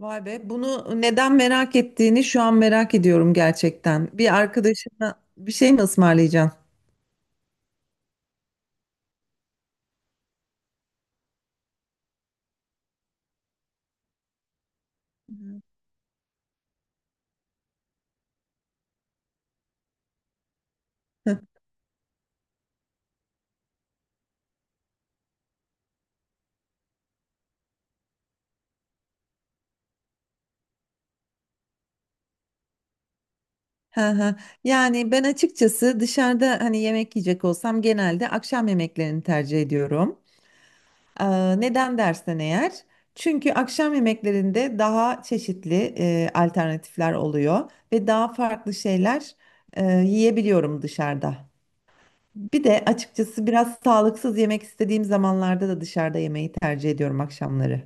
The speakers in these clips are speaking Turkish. Vay be, bunu neden merak ettiğini şu an merak ediyorum gerçekten. Bir arkadaşına bir şey mi ısmarlayacaksın? Hı. Hı hı. Yani ben açıkçası dışarıda hani yemek yiyecek olsam genelde akşam yemeklerini tercih ediyorum. Neden dersen eğer? Çünkü akşam yemeklerinde daha çeşitli alternatifler oluyor ve daha farklı şeyler yiyebiliyorum dışarıda. Bir de açıkçası biraz sağlıksız yemek istediğim zamanlarda da dışarıda yemeği tercih ediyorum akşamları.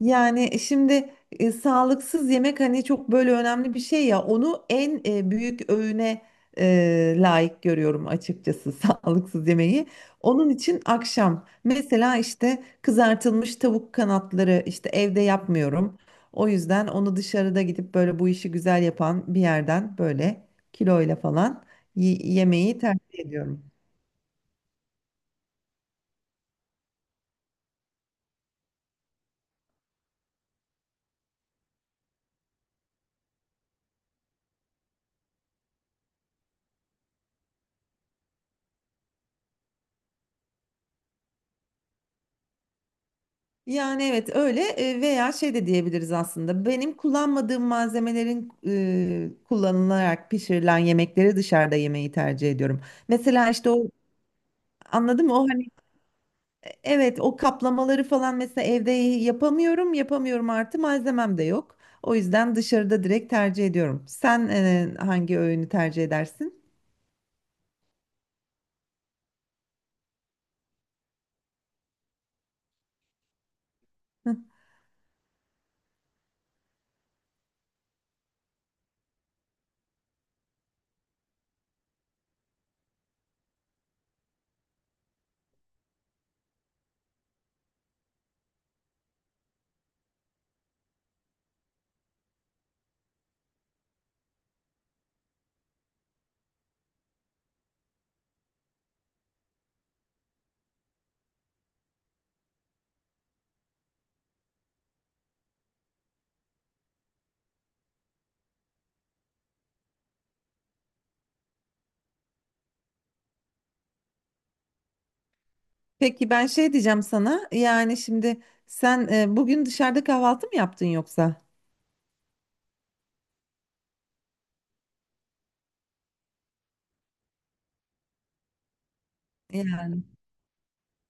Yani şimdi sağlıksız yemek hani çok böyle önemli bir şey ya onu en büyük öğüne layık görüyorum açıkçası sağlıksız yemeği. Onun için akşam mesela işte kızartılmış tavuk kanatları işte evde yapmıyorum. O yüzden onu dışarıda gidip böyle bu işi güzel yapan bir yerden böyle kiloyla falan yemeği tercih ediyorum. Yani evet öyle veya şey de diyebiliriz aslında. Benim kullanmadığım malzemelerin kullanılarak pişirilen yemekleri dışarıda yemeyi tercih ediyorum. Mesela işte o anladın mı? O hani evet o kaplamaları falan mesela evde yapamıyorum, yapamıyorum, artı malzemem de yok. O yüzden dışarıda direkt tercih ediyorum. Sen hangi öğünü tercih edersin? Hı. Peki ben şey diyeceğim sana. Yani şimdi sen bugün dışarıda kahvaltı mı yaptın yoksa?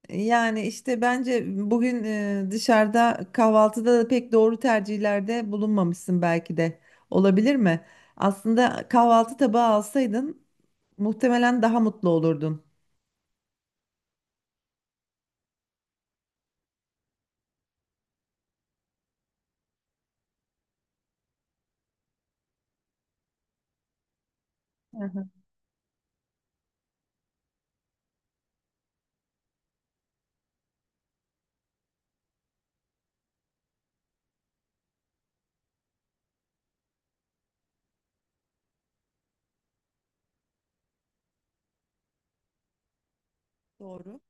Yani işte bence bugün dışarıda kahvaltıda da pek doğru tercihlerde bulunmamışsın belki de. Olabilir mi? Aslında kahvaltı tabağı alsaydın muhtemelen daha mutlu olurdun. Doğru.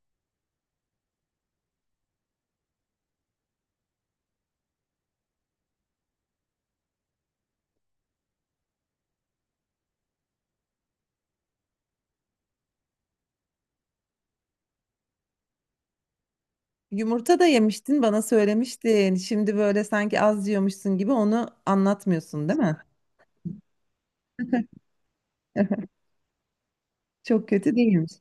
Yumurta da yemiştin, bana söylemiştin. Şimdi böyle sanki az yiyormuşsun gibi onu anlatmıyorsun, değil mi? Çok kötü değilmiş.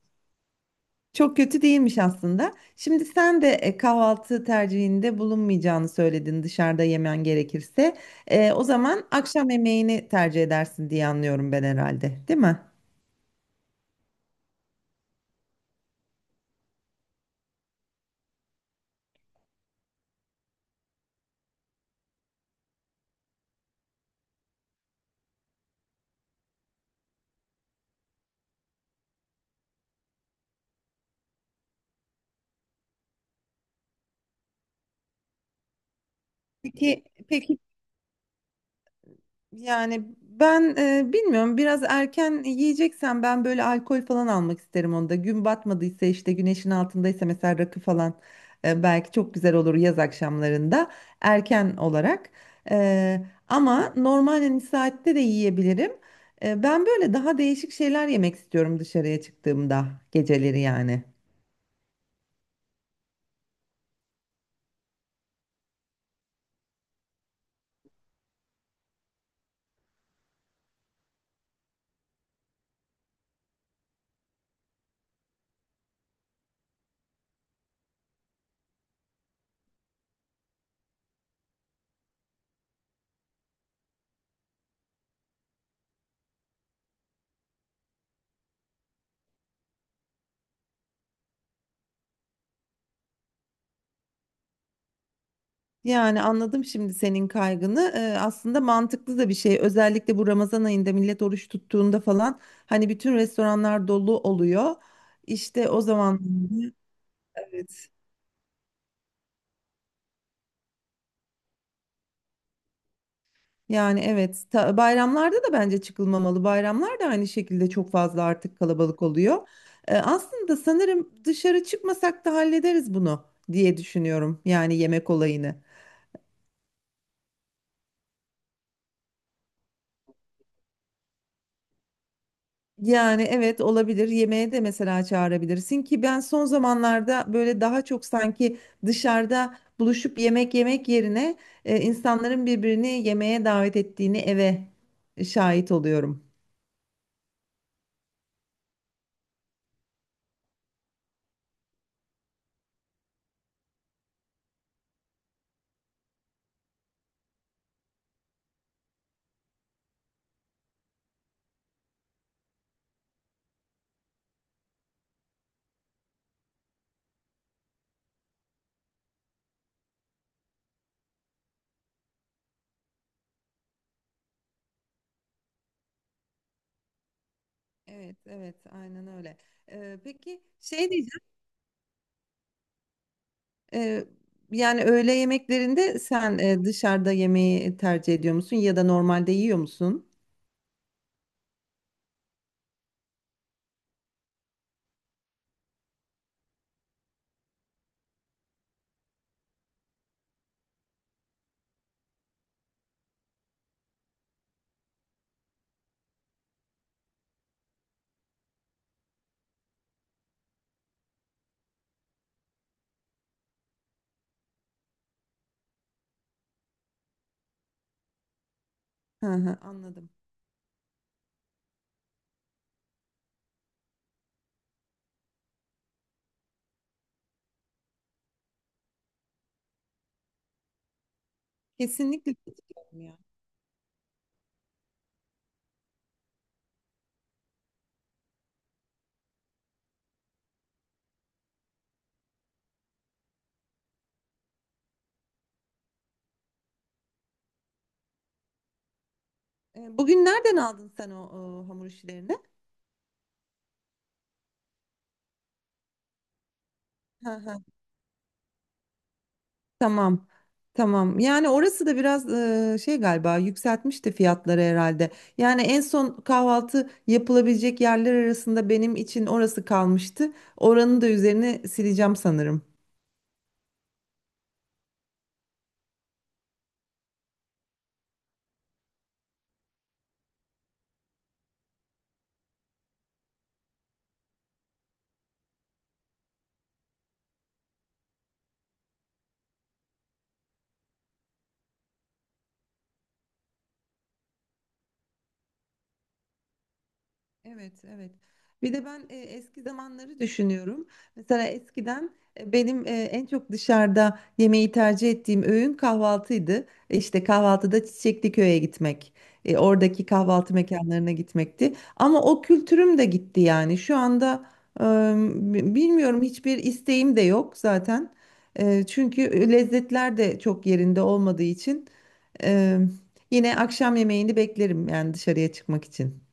Çok kötü değilmiş aslında. Şimdi sen de kahvaltı tercihinde bulunmayacağını söyledin dışarıda yemen gerekirse. O zaman akşam yemeğini tercih edersin diye anlıyorum ben herhalde, değil mi? Peki, peki. Yani ben bilmiyorum biraz erken yiyeceksen ben böyle alkol falan almak isterim onda. Gün batmadıysa işte güneşin altındaysa mesela rakı falan belki çok güzel olur yaz akşamlarında erken olarak. E, Ama normal hani saatte de yiyebilirim. Ben böyle daha değişik şeyler yemek istiyorum dışarıya çıktığımda geceleri yani. Yani anladım şimdi senin kaygını. Aslında mantıklı da bir şey. Özellikle bu Ramazan ayında millet oruç tuttuğunda falan hani bütün restoranlar dolu oluyor. İşte o zaman evet. Yani evet bayramlarda da bence çıkılmamalı. Bayramlar da aynı şekilde çok fazla artık kalabalık oluyor. Aslında sanırım dışarı çıkmasak da hallederiz bunu diye düşünüyorum. Yani yemek olayını. Yani evet olabilir. Yemeğe de mesela çağırabilirsin ki ben son zamanlarda böyle daha çok sanki dışarıda buluşup yemek yemek yerine insanların birbirini yemeğe davet ettiğini eve şahit oluyorum. Evet, evet, aynen öyle. Peki şey diyeceğim. Ee, Yani öğle yemeklerinde sen dışarıda yemeği tercih ediyor musun ya da normalde yiyor musun? Hı hı, anladım. Kesinlikle katılıyorum ya. Bugün nereden aldın sen o hamur işlerini? Tamam. Tamam. Yani orası da biraz şey galiba yükseltmişti fiyatları herhalde. Yani en son kahvaltı yapılabilecek yerler arasında benim için orası kalmıştı. Oranın da üzerine sileceğim sanırım. Evet, evet. Bir de ben eski zamanları düşünüyorum. Mesela eskiden benim en çok dışarıda yemeği tercih ettiğim öğün kahvaltıydı. İşte kahvaltıda çiçekli köye gitmek, oradaki kahvaltı mekanlarına gitmekti. Ama o kültürüm de gitti yani. Şu anda e, bilmiyorum hiçbir isteğim de yok zaten. Çünkü lezzetler de çok yerinde olmadığı için e, yine akşam yemeğini beklerim yani dışarıya çıkmak için.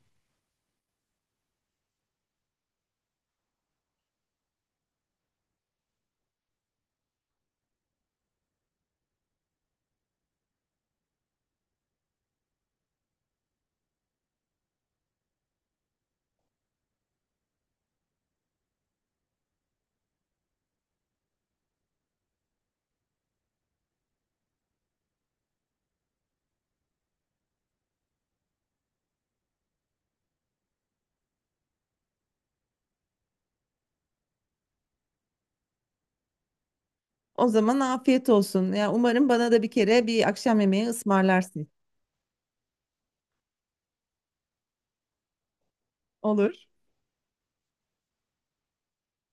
O zaman afiyet olsun. Ya umarım bana da bir kere bir akşam yemeği ısmarlarsın. Olur.